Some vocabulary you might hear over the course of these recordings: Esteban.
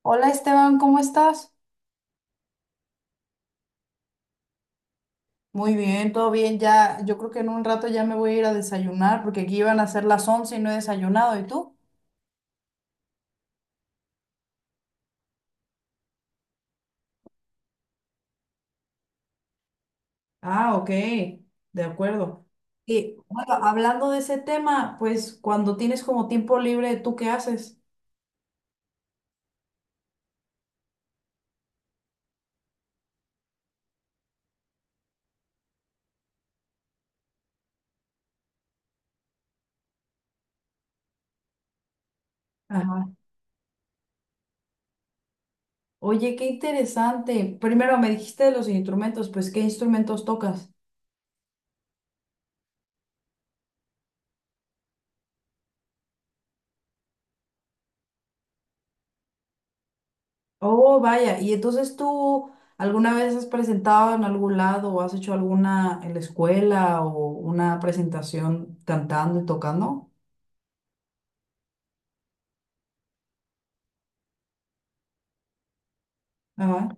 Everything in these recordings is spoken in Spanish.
Hola Esteban, ¿cómo estás? Muy bien, todo bien. Ya, yo creo que en un rato ya me voy a ir a desayunar porque aquí iban a ser las 11 y no he desayunado. ¿Y tú? Ah, ok, de acuerdo. Y bueno, hablando de ese tema, pues cuando tienes como tiempo libre, ¿tú qué haces? Ajá. Oye, qué interesante. Primero me dijiste de los instrumentos, pues ¿qué instrumentos tocas? Oh, vaya. ¿Y entonces tú alguna vez has presentado en algún lado o has hecho alguna en la escuela o una presentación cantando y tocando? Ajá,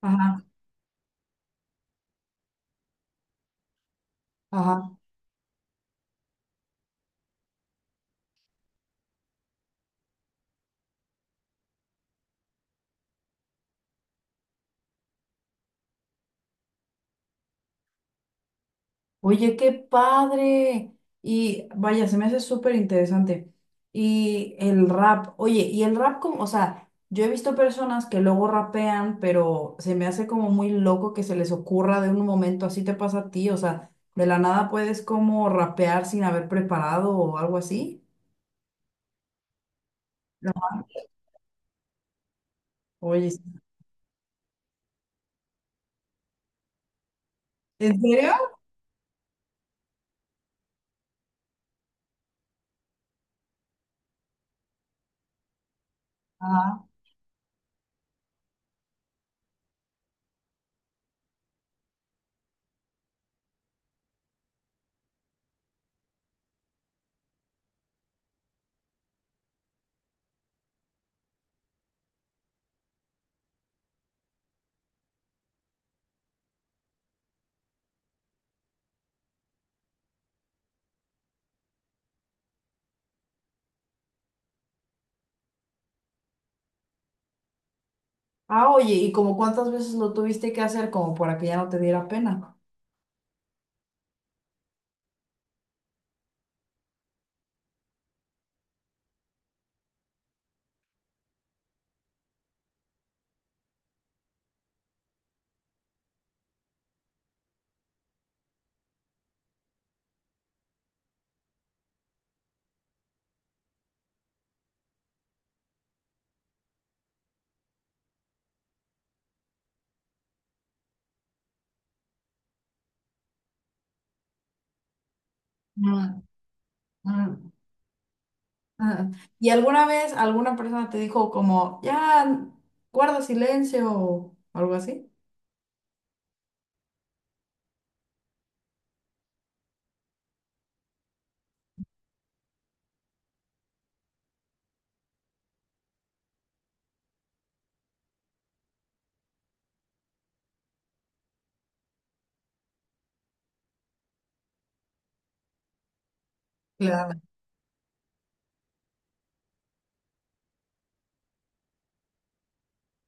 ajá, ajá. Oye, qué padre. Y vaya, se me hace súper interesante. Y el rap, oye, y el rap como, o sea, yo he visto personas que luego rapean, pero se me hace como muy loco que se les ocurra de un momento, así te pasa a ti, o sea, de la nada puedes como rapear sin haber preparado o algo así. Oye, ¿en serio? Ah, ah, oye, ¿y como cuántas veces lo tuviste que hacer como para que ya no te diera pena? Mm, mm. Ajá. ¿Y alguna vez alguna persona te dijo como, ya, guarda silencio o algo así? Claro.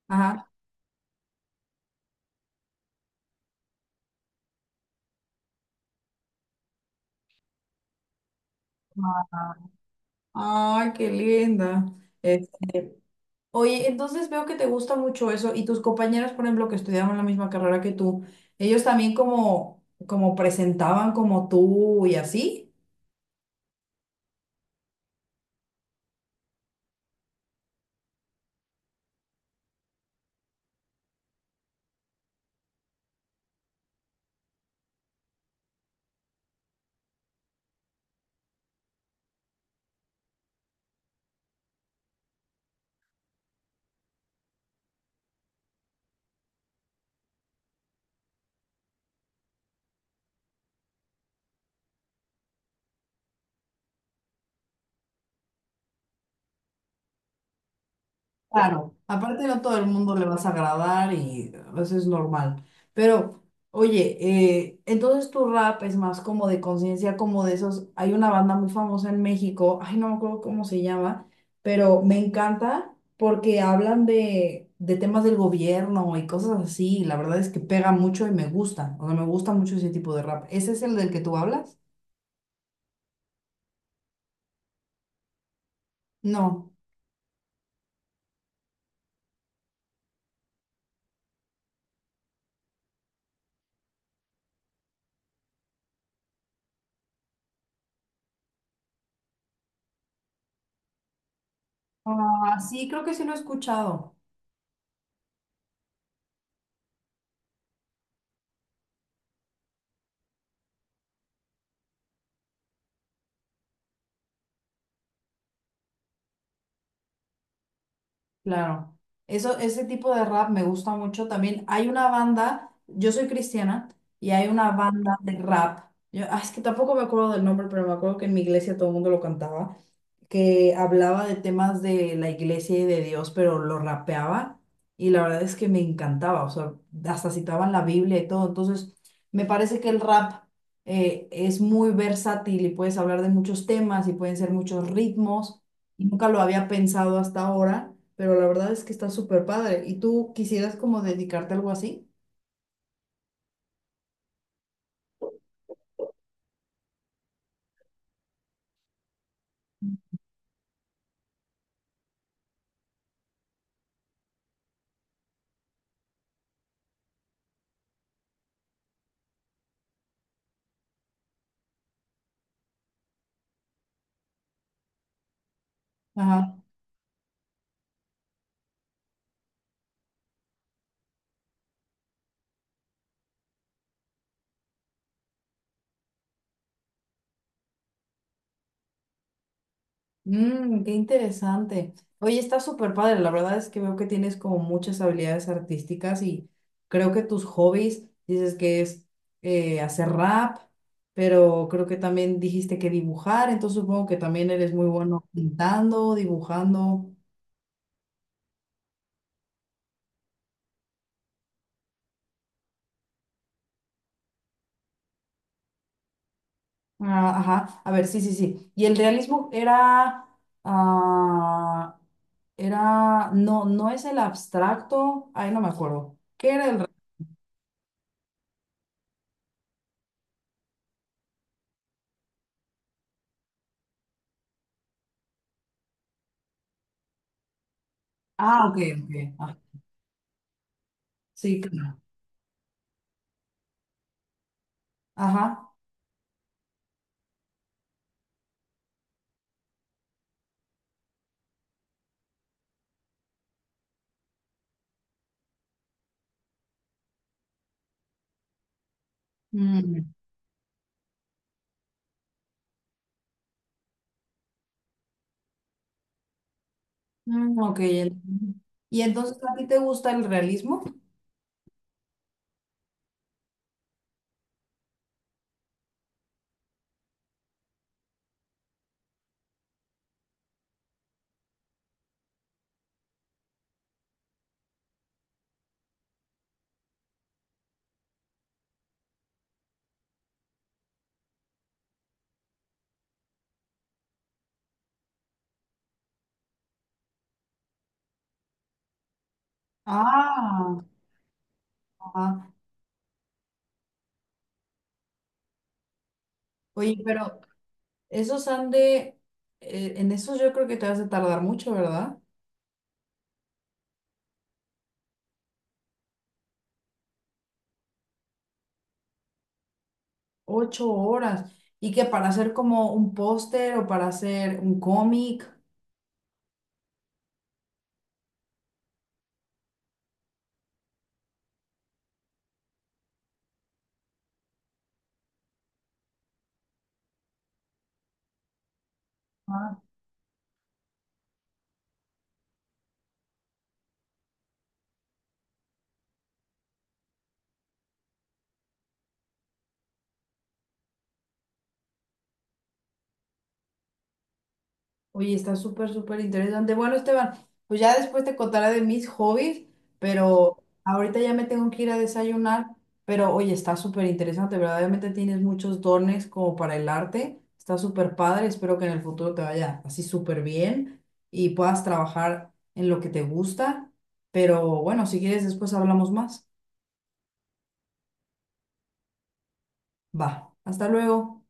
Ajá. Ay, qué linda. Es- Oye, entonces veo que te gusta mucho eso y tus compañeras, por ejemplo, que estudiaban la misma carrera que tú, ellos también como, como presentaban como tú y así. Claro, aparte no todo el mundo le vas a agradar y eso es normal. Pero, oye, entonces tu rap es más como de conciencia, como de esos. Hay una banda muy famosa en México, ay, no me acuerdo cómo se llama, pero me encanta porque hablan de temas del gobierno y cosas así, y la verdad es que pega mucho y me gusta. O sea, me gusta mucho ese tipo de rap. ¿Ese es el del que tú hablas? No. Ah, sí, creo que sí lo he escuchado. Claro, eso, ese tipo de rap me gusta mucho. También hay una banda, yo soy cristiana, y hay una banda de rap. Yo, ah, es que tampoco me acuerdo del nombre, pero me acuerdo que en mi iglesia todo el mundo lo cantaba que hablaba de temas de la iglesia y de Dios, pero lo rapeaba y la verdad es que me encantaba, o sea, hasta citaban la Biblia y todo, entonces me parece que el rap es muy versátil y puedes hablar de muchos temas y pueden ser muchos ritmos y nunca lo había pensado hasta ahora, pero la verdad es que está súper padre. ¿Y tú quisieras como dedicarte a algo así? Mm, qué interesante. Oye, está súper padre. La verdad es que veo que tienes como muchas habilidades artísticas y creo que tus hobbies, dices que es hacer rap, pero creo que también dijiste que dibujar, entonces supongo que también eres muy bueno pintando, dibujando. Ah, ajá, a ver, sí, sí, sí. Y el realismo era, ah, era, no, no es el abstracto, ay, no me acuerdo. ¿Qué era el? Ah, ok, ok. Ah, sí, claro. Ajá. Mm, mm, ok, entiendo. ¿Y entonces a ti te gusta el realismo? Ah, ajá. Oye, pero esos han de, en esos yo creo que te vas a tardar mucho, ¿verdad? 8 horas. ¿Y que para hacer como un póster o para hacer un cómic? Oye, está súper, súper interesante. Bueno, Esteban, pues ya después te contaré de mis hobbies, pero ahorita ya me tengo que ir a desayunar. Pero oye, está súper interesante. Verdaderamente tienes muchos dones como para el arte. Está súper padre. Espero que en el futuro te vaya así súper bien y puedas trabajar en lo que te gusta. Pero bueno, si quieres, después hablamos más. Va, hasta luego.